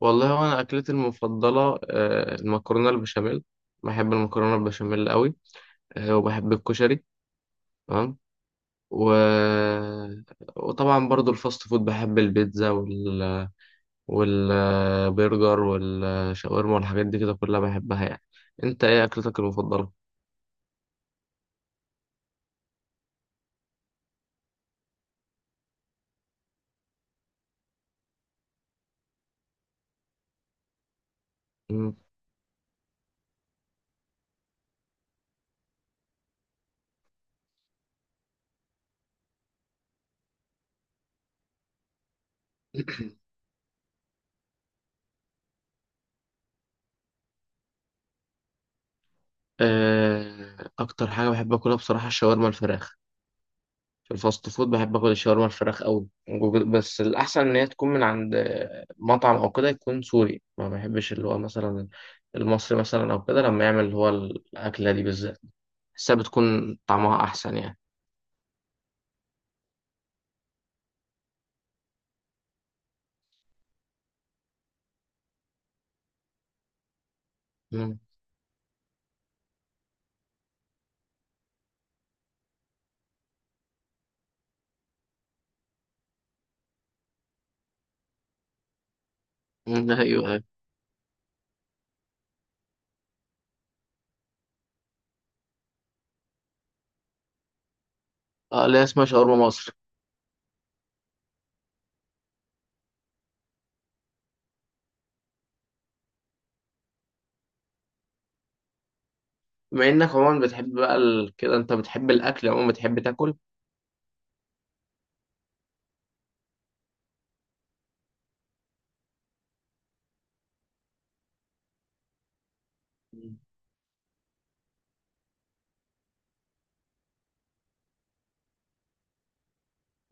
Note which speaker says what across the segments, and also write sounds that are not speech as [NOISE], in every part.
Speaker 1: والله هو انا اكلتي المفضله المكرونه البشاميل. بحب المكرونه البشاميل قوي. وبحب الكشري. تمام و... وطبعا برضو الفاست فود بحب البيتزا والبرجر والشاورما والحاجات دي كده كلها بحبها يعني. انت ايه اكلتك المفضله؟ مم. [CLEARS THROAT] اكتر حاجه بحب اكلها بصراحه الشاورما الفراخ. في الفاست فود بحب اكل الشاورما الفراخ قوي. بس الاحسن ان هي تكون من عند مطعم او كده يكون سوري، ما بحبش اللي هو مثلا المصري مثلا او كده لما يعمل اللي هو الاكله دي بالذات. بحسها بتكون طعمها احسن يعني. مم. مم، ده ايوه ايوه. اه، اللي هي اسمها شاورما مصر. بما انك عموما بتحب بقى كده، انت بتحب الاكل عموما، بتحب تاكل؟ مم.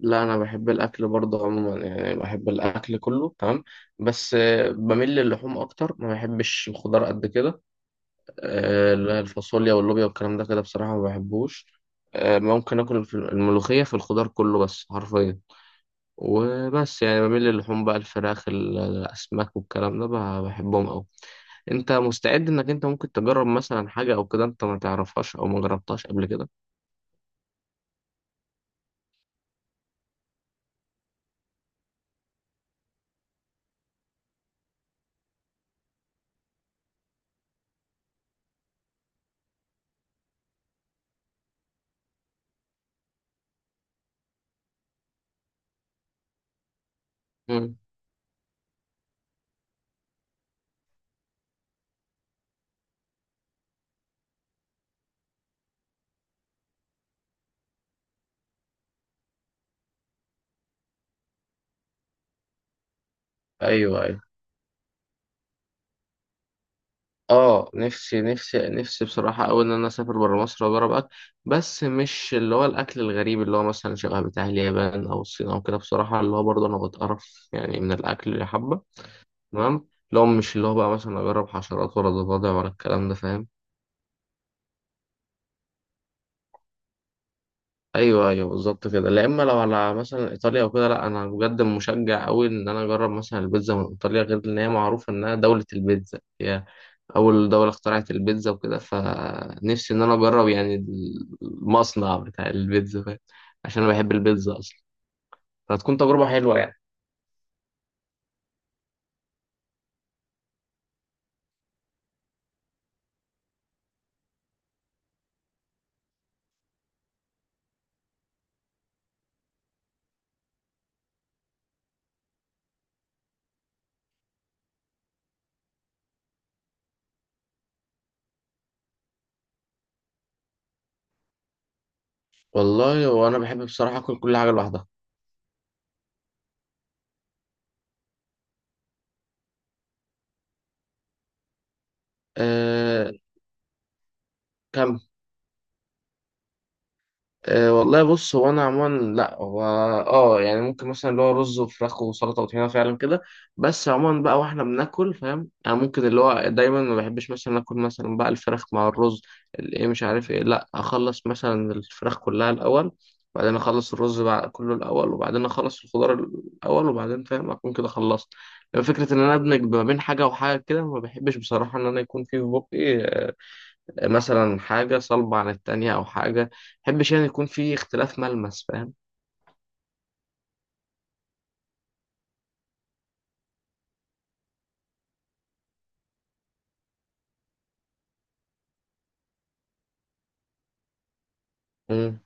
Speaker 1: لا، انا بحب الاكل برضه عموما، يعني بحب الاكل كله تمام. بس بميل للحوم اكتر، ما بحبش الخضار قد كده. لا، الفاصوليا واللوبيا والكلام ده كده بصراحة ما بحبوش. ممكن آكل الملوخية في الخضار كله بس حرفيا. وبس يعني بميل للحوم بقى الفراخ الأسماك والكلام ده بقى بحبهم أوي. أنت مستعد إنك أنت ممكن تجرب مثلا حاجة أو كده أنت ما تعرفهاش أو ما جربتهاش قبل كده؟ مم. أيوه أيوه. اه، نفسي نفسي نفسي بصراحة أوي إن أنا أسافر برا مصر وأجرب أكل. بس مش اللي هو الأكل الغريب اللي هو مثلا شبه بتاع اليابان أو الصين أو كده، بصراحة اللي هو برضه أنا بتقرف يعني من الأكل اللي حبة. تمام، اللي هو مش اللي هو بقى مثلا أجرب حشرات ولا ضفادع ولا الكلام ده، فاهم؟ ايوه ايوه بالظبط كده. لا اما لو على مثلا ايطاليا وكده، لا انا بجد مشجع قوي ان انا اجرب مثلا البيتزا من ايطاليا، غير ان هي معروفه انها دوله البيتزا، هي اول دوله اخترعت البيتزا وكده، فنفسي ان انا اجرب يعني المصنع بتاع البيتزا، فاهم. عشان انا بحب البيتزا اصلا. فهتكون تجربه حلوه يعني. والله وانا بحب بصراحه اكل كل حاجه لوحدها. أه. أه والله بص، هو انا عموما، لا هو اه يعني ممكن مثلا اللي هو رز وفراخ وسلطه وطحينه فعلا كده. بس عموما بقى، واحنا بناكل فاهم، يعني ممكن اللي هو دايما ما بحبش مثلا اكل مثلا بقى الفراخ مع الرز الايه مش عارف ايه، لا اخلص مثلا الفراخ كلها الاول، وبعدين اخلص الرز بقى كله الاول، وبعدين اخلص الخضار الاول، وبعدين فاهم اكون كده خلصت. لما فكره ان انا ادمج ما بين حاجه وحاجه كده، ما بحبش بصراحه ان انا يكون في بقي مثلا حاجة صلبة عن التانية أو حاجة محبش يعني يكون في اختلاف ملمس، فاهم. مم.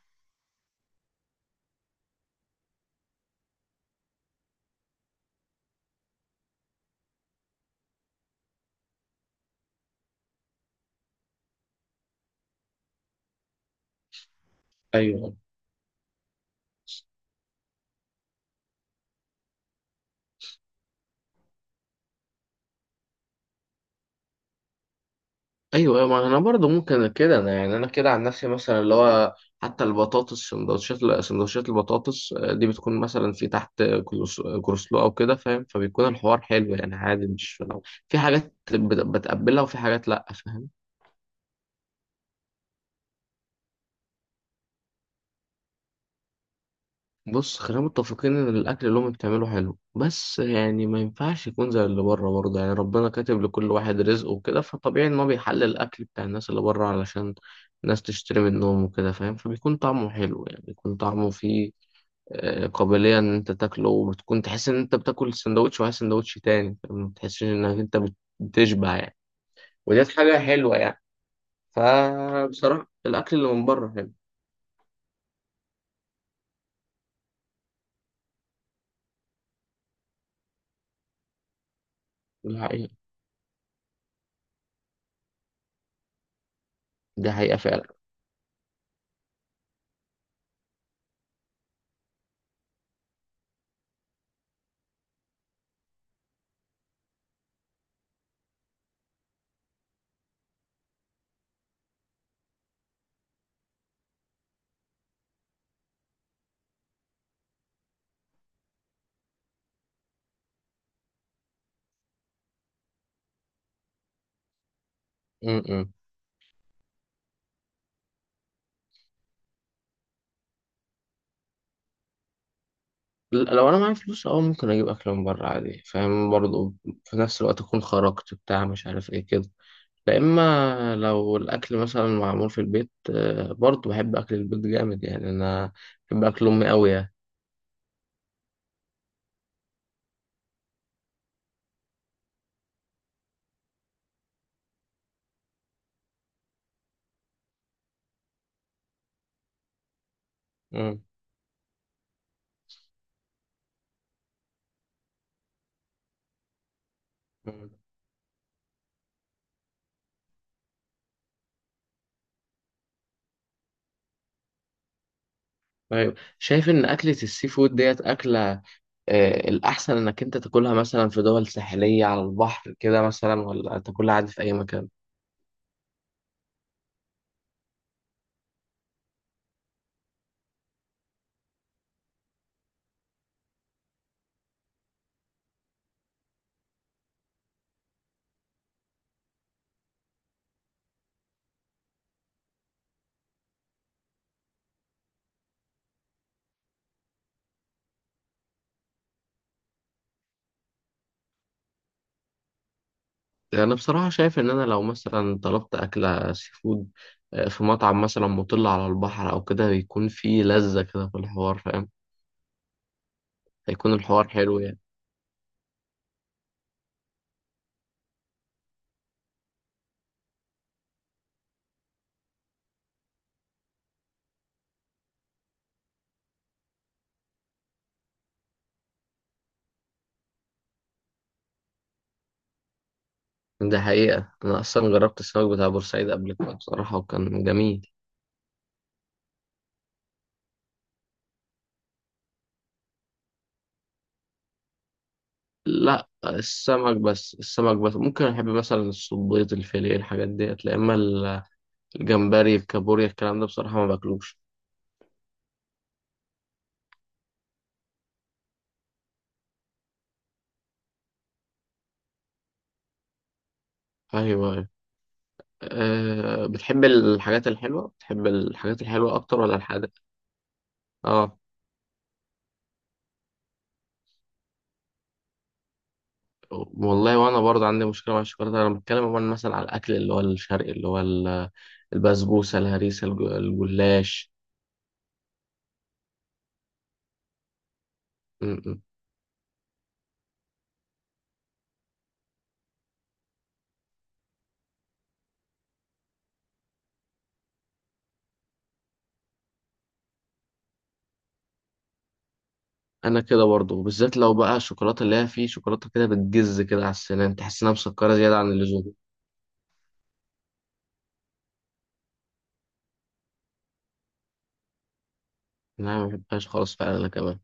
Speaker 1: أيوه أيوه أيوه، ما أنا برضه ممكن كده، أنا يعني أنا كده عن نفسي مثلا اللي هو حتى البطاطس سندوتشات سندوتشات البطاطس، دي بتكون مثلا في تحت كروسلو أو كده فاهم، فبيكون الحوار حلو يعني عادي، مش لو في حاجات بتقبلها وفي حاجات لأ، فاهم؟ بص، خلينا متفقين ان الاكل اللي هم بتعمله حلو، بس يعني ما ينفعش يكون زي اللي بره برضه، يعني ربنا كاتب لكل واحد رزقه وكده، فطبيعي ان هو بيحلل الاكل بتاع الناس اللي بره علشان الناس تشتري منهم وكده فاهم، فبيكون طعمه حلو يعني، بيكون طعمه فيه قابلية ان انت تاكله وبتكون تحس ان انت بتاكل سندوتش وعايز سندوتش تاني، فاهم؟ ما بتحسش انك انت بتشبع يعني. ودي حاجة حلوة يعني. فبصراحة الاكل اللي من بره حلو. دي حقيقة. دي حقيقة فعلا. م- م. لو انا معايا فلوس اه ممكن اجيب اكل من بره عادي فاهم برضو في نفس الوقت اكون خرجت بتاع مش عارف ايه كده. لا اما لو الاكل مثلا معمول في البيت، برضو بحب اكل البيت جامد يعني انا بحب اكل امي قوي يعني. مم. مم. طيب، شايف ان اكلة السي فود ديت اكلة الاحسن انك انت تاكلها مثلا في دول ساحلية على البحر كده مثلا، ولا تاكلها عادي في اي مكان؟ أنا بصراحة شايف إن أنا لو مثلا طلبت أكلة سي فود في مطعم مثلا مطل على البحر أو كده، بيكون فيه لذة كده في الحوار، فاهم. هيكون الحوار حلو يعني. ده حقيقة، أنا أصلا جربت السمك بتاع بورسعيد قبل كده بصراحة وكان جميل. لا، السمك بس السمك بس، ممكن أحب مثلا الصبيط الفيليه الحاجات ديت، لا إما الجمبري الكابوريا الكلام ده بصراحة ما باكلوش. أيوه أيوه. أه، بتحب الحاجات الحلوة بتحب الحاجات الحلوة أكتر ولا الحادق؟ اه. والله وانا برضه عندي مشكله مع الشوكولاته، انا بتكلم عموما مثلا على الاكل اللي هو الشرقي اللي هو البسبوسه الهريسه الجلاش. م- م. انا كده برضه بالذات، لو بقى الشوكولاته اللي هي فيه شوكولاته كده بتجز كده على السنان تحس انها مسكره زياده عن اللزوم. لا، ما بحبهاش خالص فعلا، انا كمان.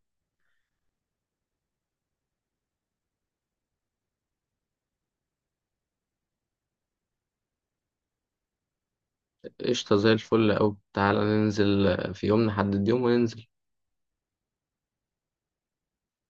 Speaker 1: قشطه، زي الفل اوي، تعالى ننزل في يوم، نحدد يوم وننزل.